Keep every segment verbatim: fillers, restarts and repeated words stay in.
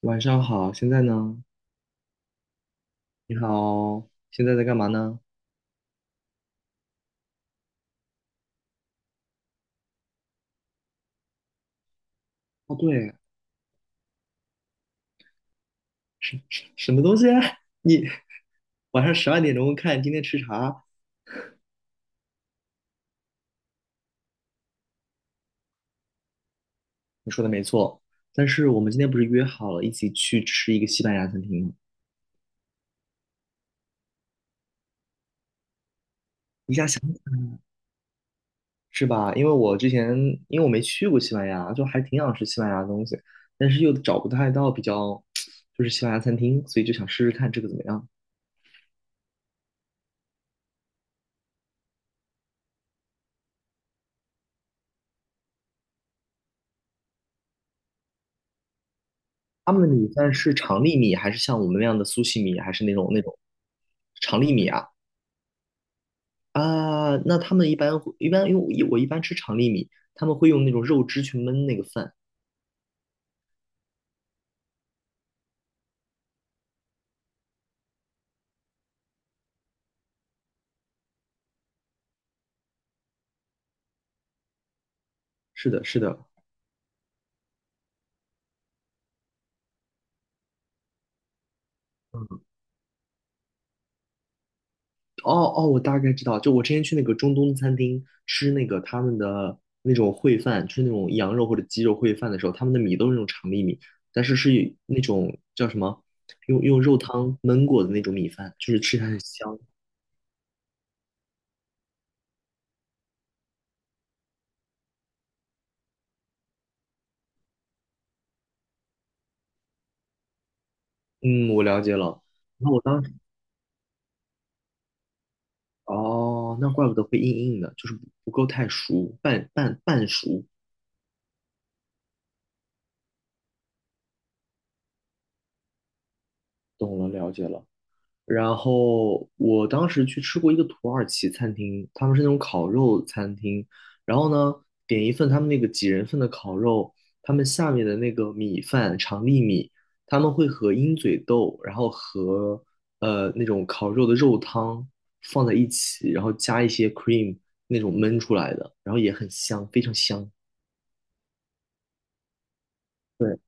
晚上好，现在呢？你好，现在在干嘛呢？哦，对，什什什么东西啊？你晚上十二点钟看今天吃啥？你说的没错，但是我们今天不是约好了一起去吃一个西班牙餐厅吗？下下想是吧？因为我之前因为我没去过西班牙，就还挺想吃西班牙的东西，但是又找不太到比较就是西班牙餐厅，所以就想试试看这个怎么样。他们的米饭是长粒米，还是像我们那样的苏西米，还是那种那种长粒米啊？啊，那他们一般会一般因为我我一般吃长粒米，他们会用那种肉汁去焖那个饭。是的，是的。嗯，哦哦，我大概知道，就我之前去那个中东餐厅吃那个他们的那种烩饭，吃那种羊肉或者鸡肉烩饭的时候，他们的米都是那种长粒米，但是是以那种叫什么，用用肉汤焖过的那种米饭，就是吃起来很香。嗯，我了解了。那我当时，哦，那怪不得会硬硬的，就是不不够太熟，半半半熟。懂了，了解了。然后我当时去吃过一个土耳其餐厅，他们是那种烤肉餐厅。然后呢，点一份他们那个几人份的烤肉，他们下面的那个米饭长粒米，他们会和鹰嘴豆，然后和呃那种烤肉的肉汤放在一起，然后加一些 cream 那种焖出来的，然后也很香，非常香。对，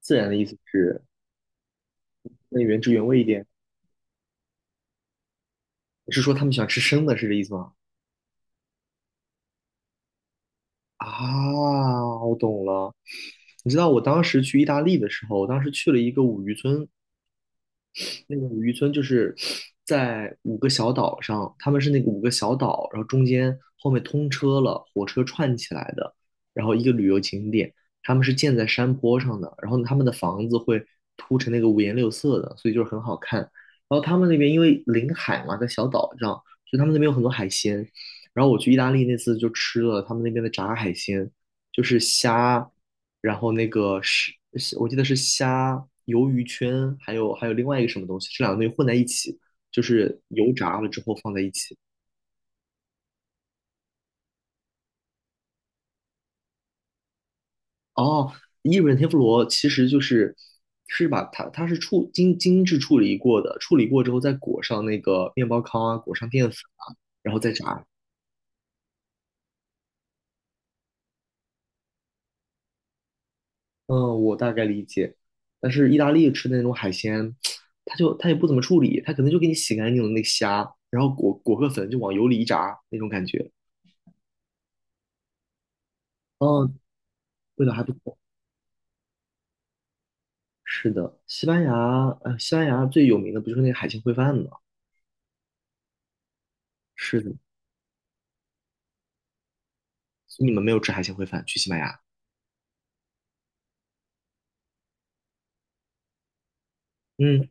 自然的意思是那原汁原味一点。你是说他们喜欢吃生的，是这意思吗？啊，我懂了。你知道我当时去意大利的时候，我当时去了一个五渔村，那个五渔村就是在五个小岛上，他们是那个五个小岛，然后中间后面通车了，火车串起来的，然后一个旅游景点，他们是建在山坡上的，然后他们的房子会铺成那个五颜六色的，所以就是很好看。然后他们那边因为临海嘛，在小岛上，所以他们那边有很多海鲜。然后我去意大利那次就吃了他们那边的炸海鲜，就是虾。然后那个是，我记得是虾、鱿鱼圈，还有还有另外一个什么东西，这两个东西混在一起，就是油炸了之后放在一起。哦，伊比天妇罗其实就是是把它它是处精精致处理过的，处理过之后再裹上那个面包糠啊，裹上淀粉啊，然后再炸。嗯，我大概理解。但是意大利吃的那种海鲜，它就它也不怎么处理，它可能就给你洗干净了那个虾，然后裹裹个粉就往油里一炸那种感觉。嗯，味道还不错。是的，西班牙，呃，西班牙最有名的不就是那个海鲜烩饭吗？是的，你们没有吃海鲜烩饭，去西班牙。嗯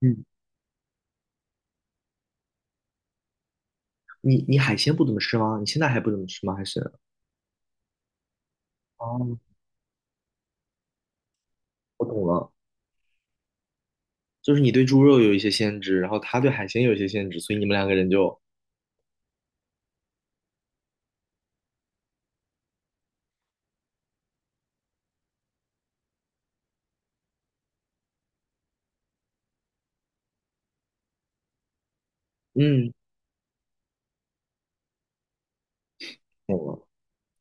嗯，你你海鲜不怎么吃吗？你现在还不怎么吃吗？还是？哦，我懂了，就是你对猪肉有一些限制，然后他对海鲜有一些限制，所以你们两个人就，嗯，懂了。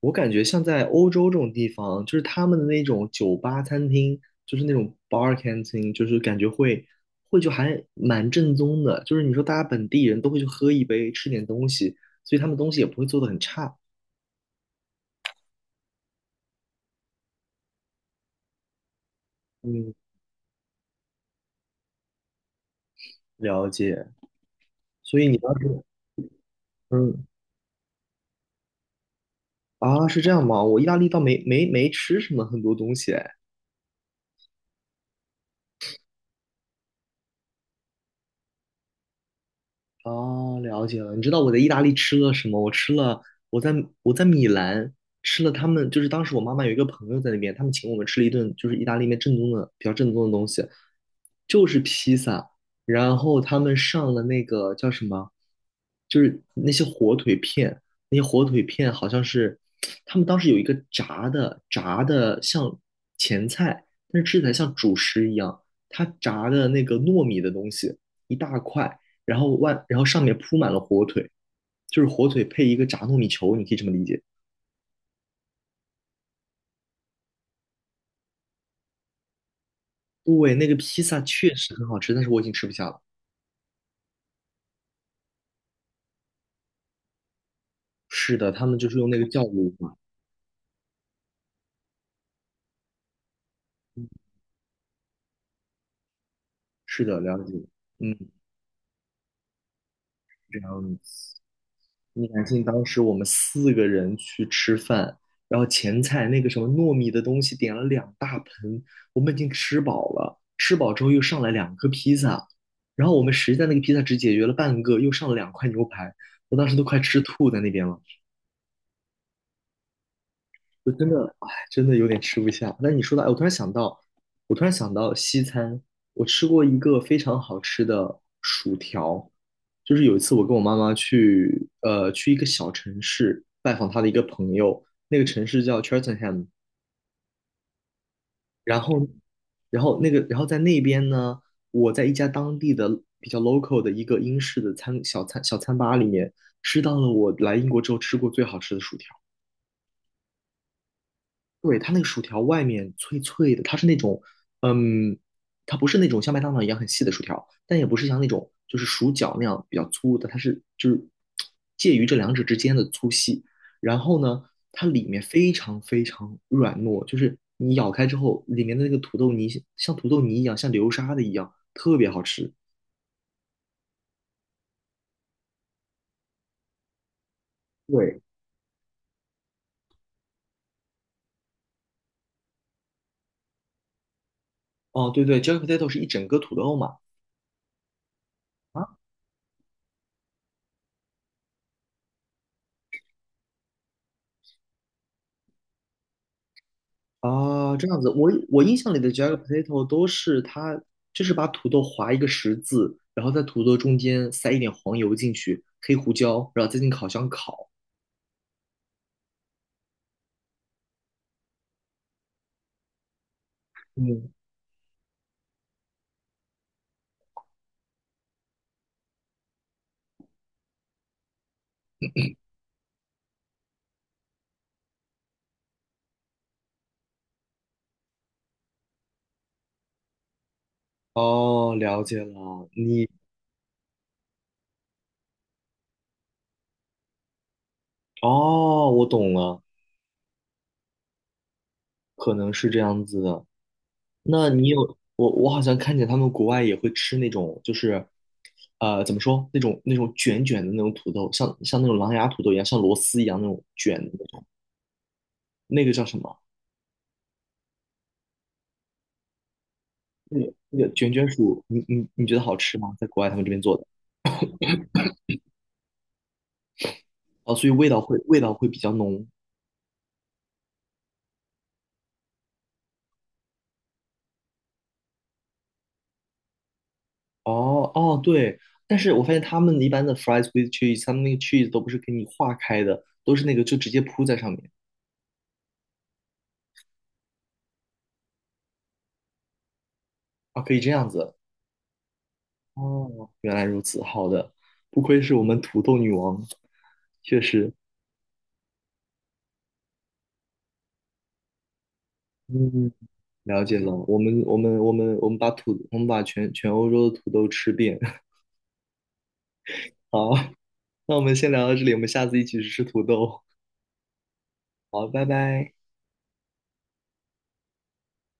我感觉像在欧洲这种地方，就是他们的那种酒吧、餐厅，就是那种 bar canteen，就是感觉会会就还蛮正宗的。就是你说大家本地人都会去喝一杯，吃点东西，所以他们东西也不会做的很差。嗯，了解。所以你当时，嗯啊，是这样吗？我意大利倒没没没吃什么很多东西哎。哦，了解了。你知道我在意大利吃了什么？我吃了，我在我在米兰吃了他们，就是当时我妈妈有一个朋友在那边，他们请我们吃了一顿，就是意大利面正宗的比较正宗的东西，就是披萨。然后他们上了那个叫什么，就是那些火腿片，那些火腿片好像是他们当时有一个炸的炸的像前菜，但是吃起来像主食一样，它炸的那个糯米的东西一大块。然后外然后上面铺满了火腿，就是火腿配一个炸糯米球，你可以这么理解。对，那个披萨确实很好吃，但是我已经吃不下了。是的，他们就是用那个酵母嘛。是的，了解。嗯，这样子。你敢信当时我们四个人去吃饭，然后前菜那个什么糯米的东西点了两大盆，我们已经吃饱了。吃饱之后又上来两个披萨，然后我们实在那个披萨只解决了半个，又上了两块牛排，我当时都快吃吐在那边了。我真的，哎，真的有点吃不下。那你说到，哎我突然想到，我突然想到西餐，我吃过一个非常好吃的薯条，就是有一次我跟我妈妈去，呃，去一个小城市拜访她的一个朋友，那个城市叫 Cheltenham，然后，然后那个，然后在那边呢，我在一家当地的比较 local 的一个英式的餐小餐小餐吧里面吃到了我来英国之后吃过最好吃的薯条。对，它那个薯条外面脆脆的，它是那种，嗯，它不是那种像麦当劳一样很细的薯条，但也不是像那种就是薯角那样比较粗的，它是就是介于这两者之间的粗细。然后呢，它里面非常非常软糯，就是你咬开之后，里面的那个土豆泥像土豆泥一样，像流沙的一样，特别好吃。对，哦，对对，Jack potato 是一整个土豆嘛。啊？啊，这样子，我我印象里的 jagged potato 都是它，就是把土豆划一个十字，然后在土豆中间塞一点黄油进去，黑胡椒，然后再进烤箱烤。嗯，哦，了解了，你，哦，我懂了，可能是这样子的。那你有，我我好像看见他们国外也会吃那种，就是，呃，怎么说，那种那种卷卷的那种土豆，像像那种狼牙土豆一样，像螺丝一样那种卷的那种，那个叫什么？那个那个卷卷薯，你你你觉得好吃吗？在国外他们这边做的哦，所以味道会味道会比较浓。哦哦，对，但是我发现他们一般的 fries with cheese，他们那个 cheese 都不是给你化开的，都是那个就直接铺在上面啊，可以这样子。哦，原来如此，好的，不愧是我们土豆女王，确实，嗯，了解了，我们我们我们我们把土我们把全全欧洲的土豆吃遍。好，那我们先聊到这里，我们下次一起去吃土豆。好，拜拜。